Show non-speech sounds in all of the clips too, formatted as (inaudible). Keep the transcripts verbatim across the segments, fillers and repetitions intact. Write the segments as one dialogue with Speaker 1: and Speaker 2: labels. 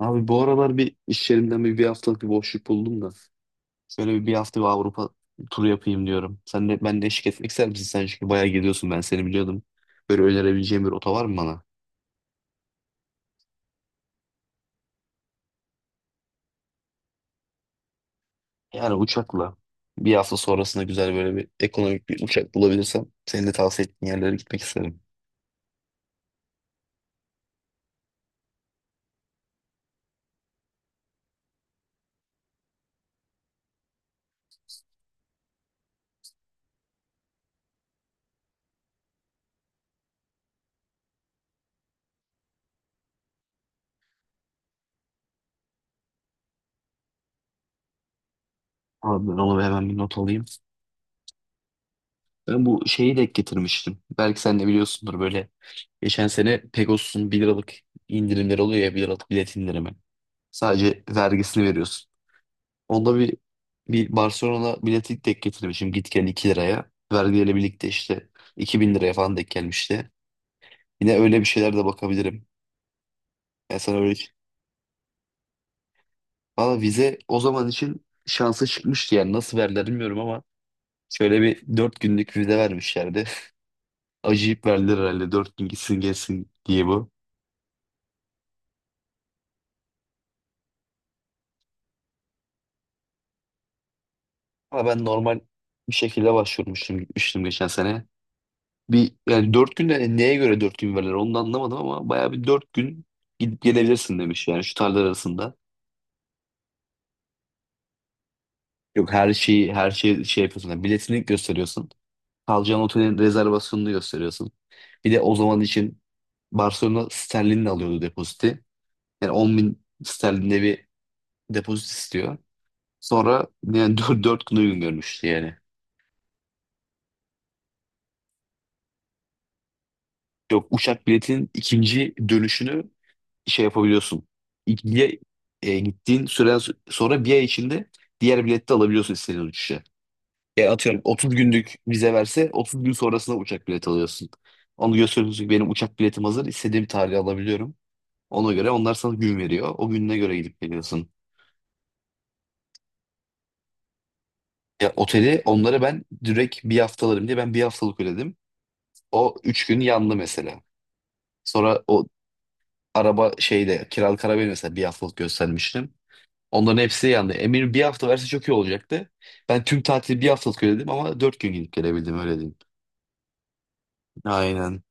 Speaker 1: Abi bu aralar bir iş yerimden bir, bir haftalık bir boşluk buldum da. Şöyle bir, bir hafta bir Avrupa turu yapayım diyorum. Sen de ben de eşlik etmek ister misin? Sen çünkü bayağı gidiyorsun, ben seni biliyordum. Böyle önerebileceğin bir rota var mı bana? Yani uçakla bir hafta sonrasında güzel böyle bir ekonomik bir uçak bulabilirsem senin de tavsiye ettiğin yerlere gitmek isterim. Abi ben onu hemen bir not alayım. Ben bu şeyi de getirmiştim. Belki sen de biliyorsundur böyle. Geçen sene Pegasus'un bir liralık indirimleri oluyor ya, bir liralık bilet indirimi. Sadece vergisini veriyorsun. Onda bir bir Barcelona bileti denk getirmişim, git gel iki liraya. Vergiyle birlikte işte iki bin liraya falan denk gelmişti. Yine öyle bir şeyler de bakabilirim. Yani sana öyle... Valla vize o zaman için şansı çıkmıştı, yani nasıl verdiler bilmiyorum ama şöyle bir dört günlük vize vermişlerdi. (laughs) Acıyıp verdiler herhalde, dört gün gitsin gelsin diye bu. Ama ben normal bir şekilde başvurmuştum, gitmiştim geçen sene. Bir yani dört gün neye göre dört gün verirler onu da anlamadım ama bayağı bir dört gün gidip gelebilirsin demiş, yani şu tarihler arasında. Yok, her şeyi her şey şey yapıyorsun. Yani biletini gösteriyorsun. Kalacağın otelin rezervasyonunu gösteriyorsun. Bir de o zaman için Barcelona sterlinle alıyordu depoziti. Yani on bin sterlinde bir depozit istiyor. Sonra yani dört dört gün uygun görmüştü yani. Yok, uçak biletinin ikinci dönüşünü şey yapabiliyorsun. İlgiye e, gittiğin süre sonra bir ay içinde diğer bileti de alabiliyorsun istediğin uçuşa. E atıyorum otuz günlük vize verse otuz gün sonrasında uçak bileti alıyorsun. Onu gösteriyorsun ki benim uçak biletim hazır, istediğim tarihe alabiliyorum. Ona göre onlar sana gün veriyor. O gününe göre gidip geliyorsun. Ya oteli onlara ben direkt bir haftalarım diye ben bir haftalık ödedim. O üç gün yandı mesela. Sonra o araba şeyde kiralık arabayı mesela bir haftalık göstermiştim. Onların hepsi yandı. Emir bir hafta verse çok iyi olacaktı. Ben tüm tatili bir haftalık ödedim ama dört gün gidip gelebildim, öyle diyeyim. Aynen.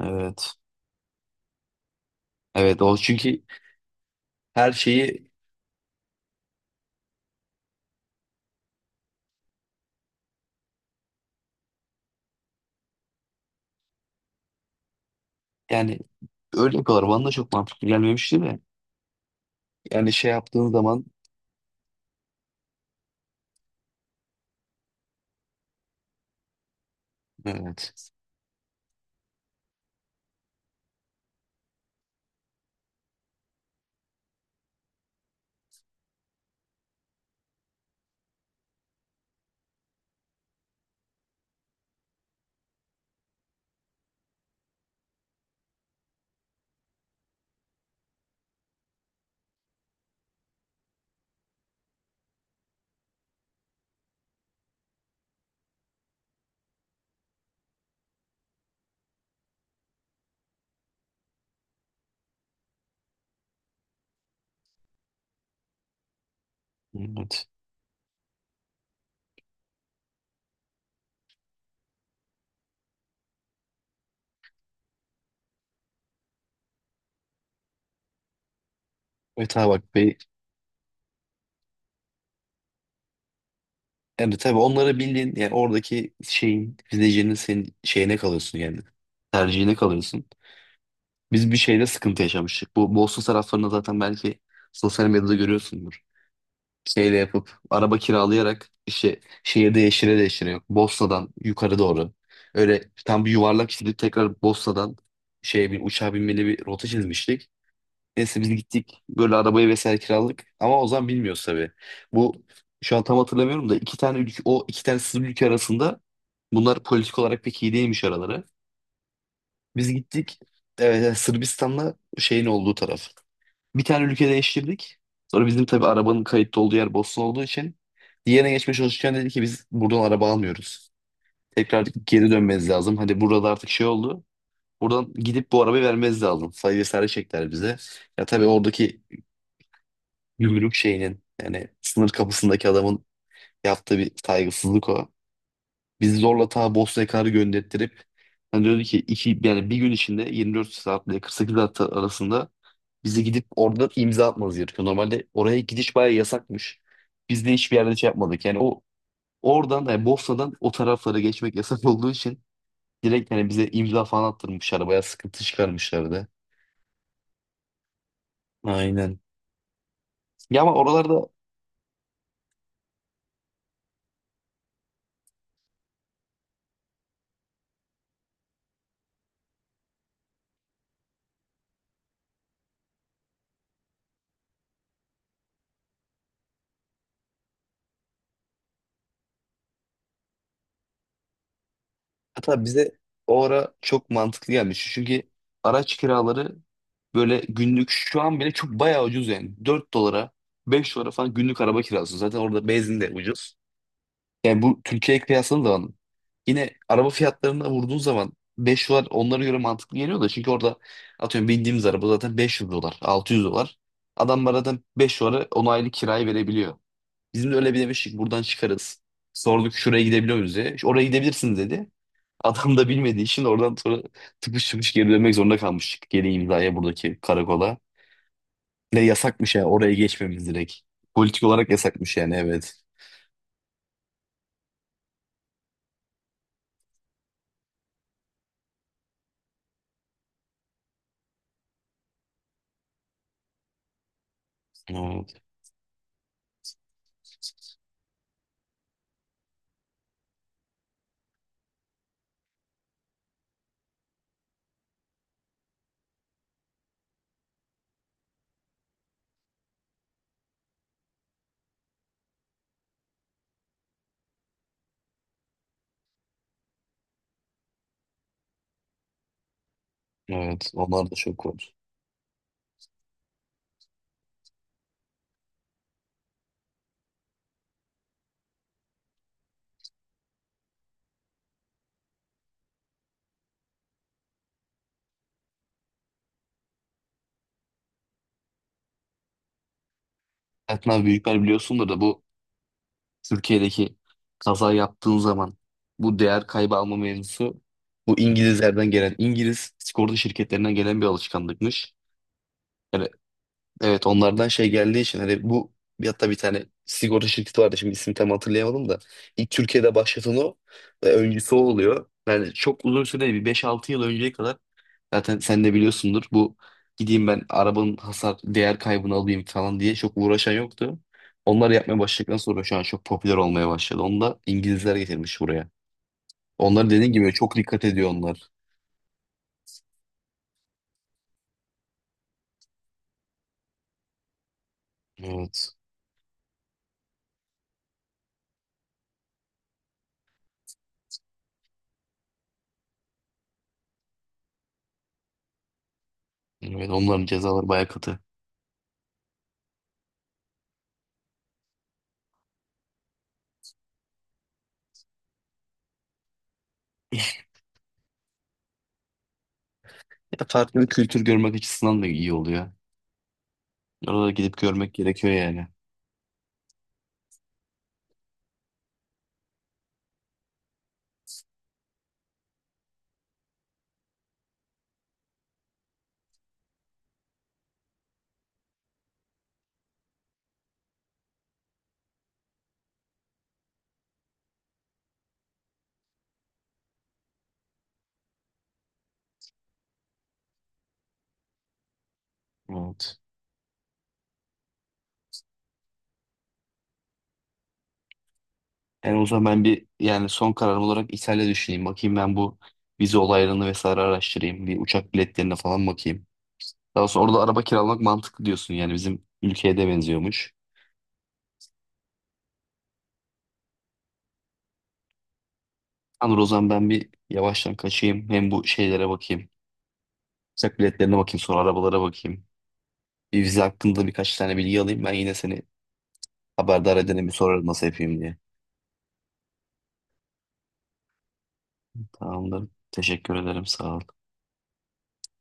Speaker 1: Evet. Evet o çünkü her şeyi yani öyle yapıyorlar. Bana da çok mantıklı gelmemişti de. Yani şey yaptığın zaman evet. Evet. Evet abi bak be, yani tabii onları bildiğin yani oradaki şeyin izleyicinin senin şeyine kalıyorsun yani. Tercihine kalıyorsun. Biz bir şeyde sıkıntı yaşamıştık. Bu Boston taraflarında zaten, belki sosyal medyada görüyorsundur. Şeyle yapıp araba kiralayarak işte şehirde yeşile deşire yok. Bosna'dan yukarı doğru. Öyle tam bir yuvarlak çizip tekrar Bosna'dan şeye bir uçağa binmeli bir rota çizmiştik. Neyse biz gittik böyle arabayı vesaire kiraladık ama o zaman bilmiyoruz tabii. Bu şu an tam hatırlamıyorum da iki tane ülke, o iki tane sınır ülke arasında bunlar politik olarak pek iyi değilmiş araları. Biz gittik, evet, evet, Sırbistan'la şeyin olduğu taraf. Bir tane ülke değiştirdik. Sonra bizim tabii arabanın kayıtlı olduğu yer Bosna olduğu için diğerine geçmeye çalışırken dedi ki biz buradan araba almıyoruz. Tekrar geri dönmeniz lazım. Hadi burada da artık şey oldu. Buradan gidip bu arabayı vermeniz lazım. Sayı vesaire çektiler bize. Ya tabii oradaki gümrük şeyinin yani sınır kapısındaki adamın yaptığı bir saygısızlık o. Bizi zorla ta Bosna'ya kadar gönderttirip hani diyordu ki iki, yani bir gün içinde yirmi dört saat ile kırk sekiz saat arasında bizi gidip orada imza atmanız gerekiyor. Normalde oraya gidiş bayağı yasakmış. Biz de hiçbir yerde şey yapmadık. Yani o oradan yani Bosna'dan o taraflara geçmek yasak olduğu için direkt hani bize imza falan attırmışlar. Bayağı sıkıntı çıkarmışlardı. Aynen. Ya ama oralarda hatta bize o ara çok mantıklı gelmiş. Çünkü araç kiraları böyle günlük şu an bile çok bayağı ucuz yani. Dört dolara beş dolara falan günlük araba kiralıyorsun. Zaten orada benzin de ucuz. Yani bu Türkiye'ye kıyasladığın zaman yine araba fiyatlarına vurduğun zaman beş dolar onlara göre mantıklı geliyor da, çünkü orada atıyorum bindiğimiz araba zaten beş yüz dolar altı yüz dolar. Adam bana zaten beş dolara on aylık kirayı verebiliyor. Bizim de öyle bir demiştik buradan çıkarız. Sorduk şuraya gidebiliyor muyuz diye. "İşte oraya gidebilirsiniz," dedi. Adam da bilmediği için oradan sonra tıpış tıpış geri dönmek zorunda kalmıştık. Geri imzaya buradaki karakola. Ne yasakmış ya oraya geçmemiz direkt. Politik olarak yasakmış yani, evet. Evet, evet. Onlar da çok korkunç. Hayatın abi büyükler biliyorsundur da bu Türkiye'deki kaza yaptığın zaman bu değer kaybı alma mevzusu bu İngilizlerden gelen, İngiliz sigorta şirketlerinden gelen bir alışkanlıkmış. Yani evet, onlardan şey geldiği için hani bu bir- hatta bir tane sigorta şirketi vardı, şimdi ismini tam hatırlayamadım da ilk Türkiye'de başlatan o ve öncüsü o oluyor. Yani çok uzun süre değil, bir beş altı yıl önceye kadar zaten sen de biliyorsundur bu gideyim ben arabanın hasar değer kaybını alayım falan diye çok uğraşan yoktu. Onlar yapmaya başladıktan sonra şu an çok popüler olmaya başladı. Onu da İngilizler getirmiş buraya. Onlar dediğin gibi çok dikkat ediyor onlar. Evet. Evet, onların cezaları bayağı katı. (laughs) Ya farklı bir kültür görmek açısından da iyi oluyor. Orada gidip görmek gerekiyor yani. Evet. Yani o zaman ben bir yani son kararım olarak İtalya düşüneyim. Bakayım ben bu vize olaylarını vesaire araştırayım. Bir uçak biletlerine falan bakayım. Daha sonra orada araba kiralamak mantıklı diyorsun yani, bizim ülkeye de benziyormuş. Anır o zaman ben bir yavaştan kaçayım. Hem bu şeylere bakayım. Uçak biletlerine bakayım sonra arabalara bakayım. Bir vize hakkında birkaç tane bilgi alayım. Ben yine seni haberdar edene bir sorarım nasıl yapayım diye. Tamamdır. Teşekkür ederim. Sağ ol.